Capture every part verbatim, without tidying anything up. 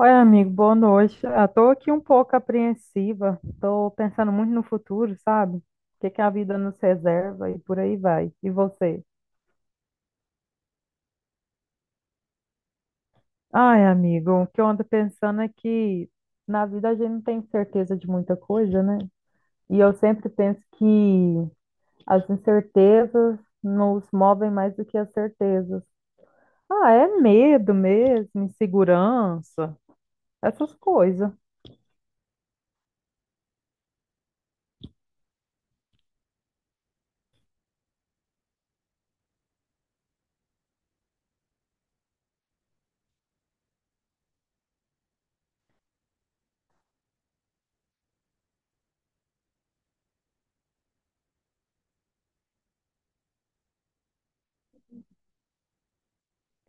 Oi, amigo, boa noite. Ah, tô aqui um pouco apreensiva. Tô pensando muito no futuro, sabe? O que que a vida nos reserva e por aí vai. E você? Ai, amigo, o que eu ando pensando é que na vida a gente não tem certeza de muita coisa, né? E eu sempre penso que as incertezas nos movem mais do que as certezas. Ah, é medo mesmo, insegurança, essas coisas.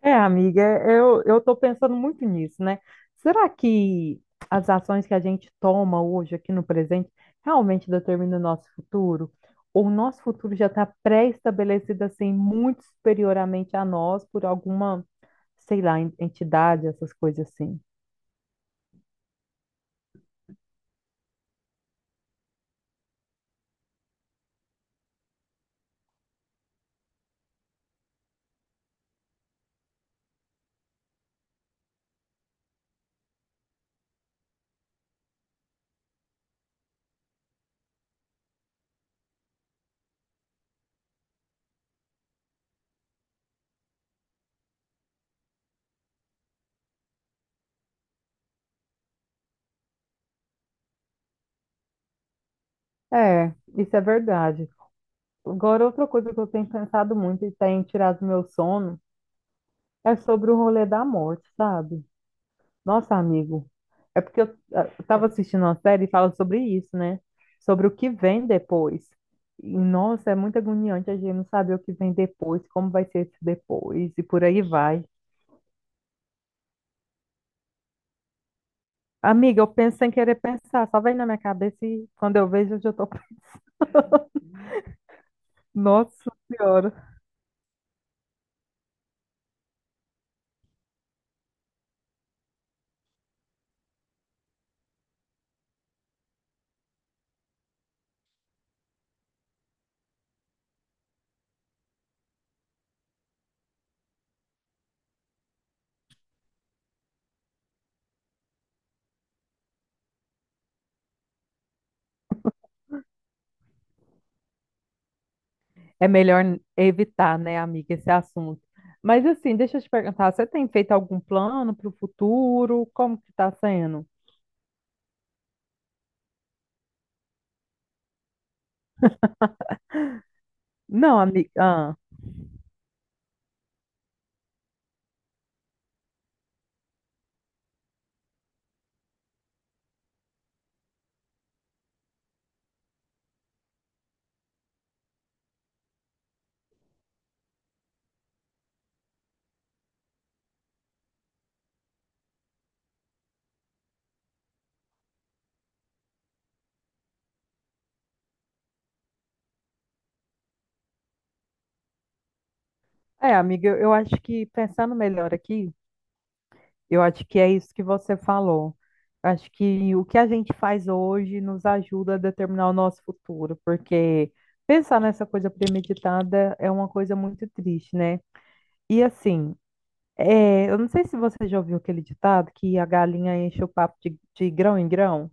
É, amiga, é, eu eu estou pensando muito nisso, né? Será que as ações que a gente toma hoje aqui no presente realmente determinam o nosso futuro? Ou o nosso futuro já está pré-estabelecido assim, muito superioramente a nós por alguma, sei lá, en- entidade, essas coisas assim? É, isso é verdade. Agora, outra coisa que eu tenho pensado muito e tem tirado meu sono é sobre o rolê da morte, sabe? Nossa, amigo, é porque eu estava assistindo uma série e fala sobre isso, né? Sobre o que vem depois. E, nossa, é muito agoniante a gente não saber o que vem depois, como vai ser esse depois e por aí vai. Amiga, eu penso sem querer pensar, só vem na minha cabeça e quando eu vejo eu já tô. Nossa Senhora. É melhor evitar, né, amiga, esse assunto. Mas assim, deixa eu te perguntar, você tem feito algum plano para o futuro? Como que está sendo? Não, amiga. Ah, é, amiga, eu eu acho que pensando melhor aqui, eu acho que é isso que você falou. Acho que o que a gente faz hoje nos ajuda a determinar o nosso futuro, porque pensar nessa coisa premeditada é uma coisa muito triste, né? E assim, é, eu não sei se você já ouviu aquele ditado que a galinha enche o papo de, de grão em grão.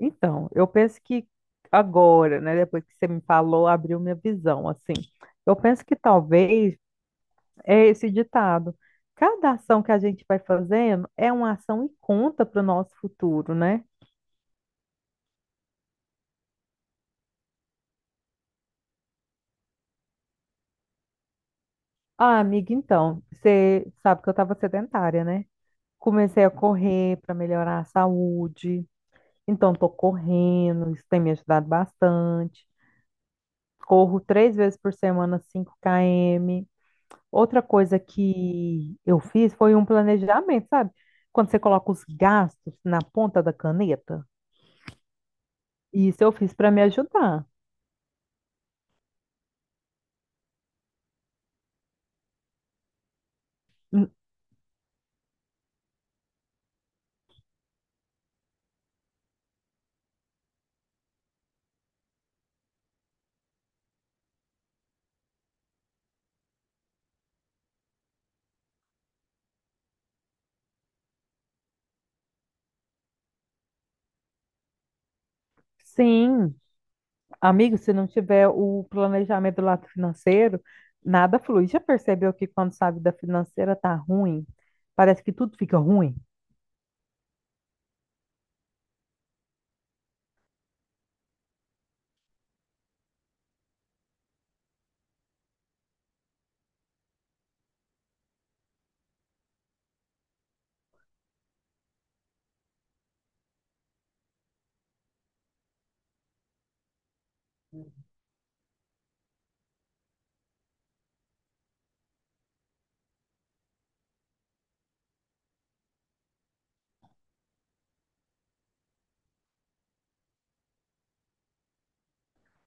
Então, eu penso que agora, né, depois que você me falou, abriu minha visão, assim. Eu penso que talvez é esse ditado. Cada ação que a gente vai fazendo é uma ação e conta para o nosso futuro, né? Ah, amiga, então, você sabe que eu estava sedentária, né? Comecei a correr para melhorar a saúde. Então, estou correndo, isso tem me ajudado bastante. Corro três vezes por semana, cinco quilômetros. Outra coisa que eu fiz foi um planejamento, sabe? Quando você coloca os gastos na ponta da caneta. Isso eu fiz para me ajudar. Hum. Sim, amigo, se não tiver o planejamento do lado financeiro, nada flui. Já percebeu que quando sua vida financeira tá ruim, parece que tudo fica ruim?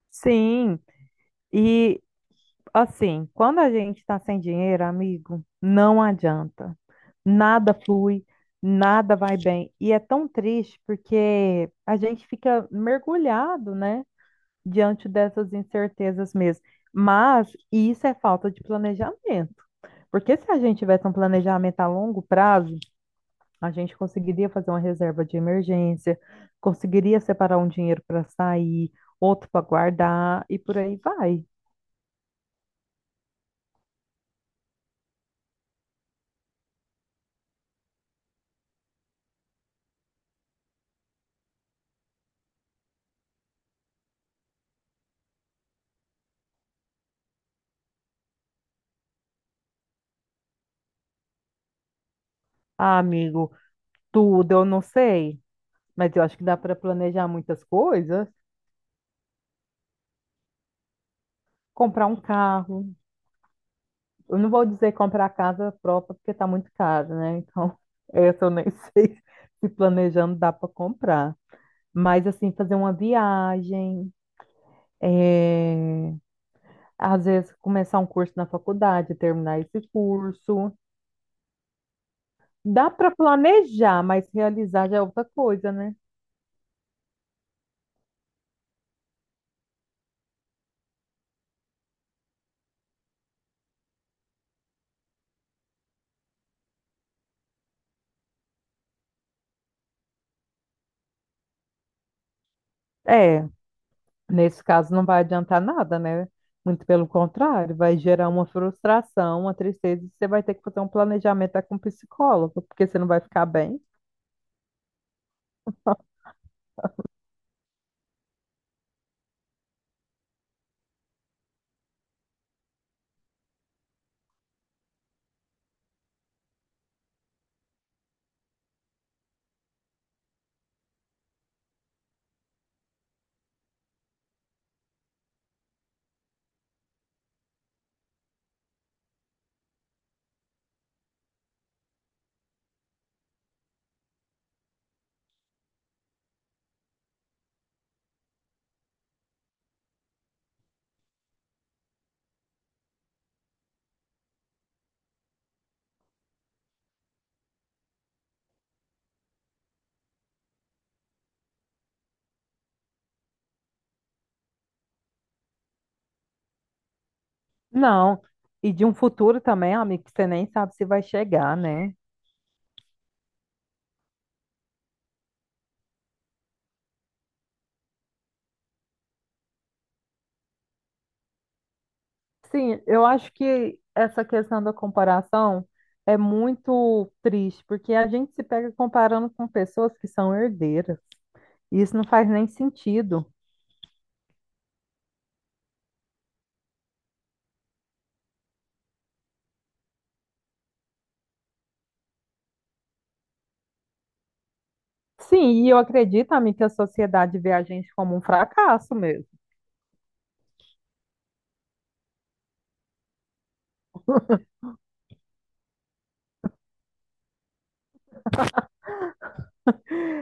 Sim, e assim, quando a gente está sem dinheiro, amigo, não adianta. Nada flui, nada vai bem. E é tão triste porque a gente fica mergulhado, né, diante dessas incertezas mesmo. Mas isso é falta de planejamento. Porque se a gente tivesse um planejamento a longo prazo, a gente conseguiria fazer uma reserva de emergência, conseguiria separar um dinheiro para sair, outro para guardar e por aí vai. Ah, amigo. Tudo, eu não sei, mas eu acho que dá para planejar muitas coisas. Comprar um carro. Eu não vou dizer comprar casa própria, porque está muito caro, né? Então, essa eu nem sei se planejando dá para comprar. Mas, assim, fazer uma viagem, é, às vezes começar um curso na faculdade, terminar esse curso. Dá para planejar, mas realizar já é outra coisa, né? É, nesse caso, não vai adiantar nada, né? Muito pelo contrário, vai gerar uma frustração, uma tristeza, e você vai ter que fazer um planejamento até com um psicólogo, porque você não vai ficar bem. Não, e de um futuro também, amigo, que você nem sabe se vai chegar, né? Sim, eu acho que essa questão da comparação é muito triste, porque a gente se pega comparando com pessoas que são herdeiras, e isso não faz nem sentido. Sim, e eu acredito, amigo, que a sociedade vê a gente como um fracasso mesmo.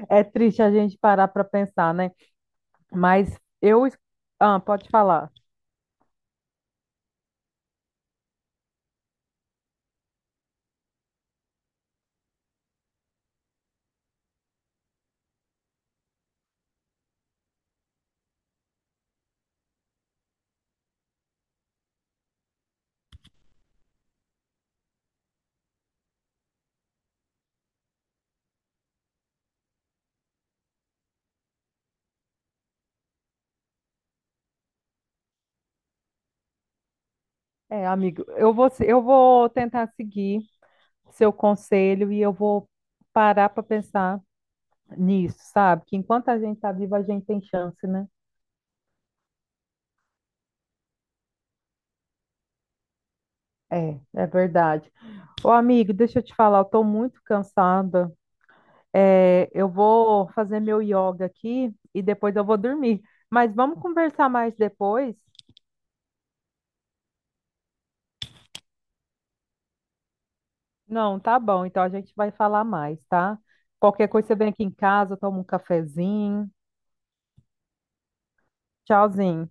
É triste a gente parar para pensar, né? Mas eu. Ah, pode falar. É, amigo, eu vou, se- eu vou tentar seguir seu conselho e eu vou parar para pensar nisso, sabe? Que enquanto a gente está vivo, a gente tem chance, né? É, é verdade. Ô, amigo, deixa eu te falar, eu tô muito cansada. É, eu vou fazer meu yoga aqui e depois eu vou dormir. Mas vamos conversar mais depois? Não, tá bom. Então a gente vai falar mais, tá? Qualquer coisa você vem aqui em casa, toma um cafezinho. Tchauzinho.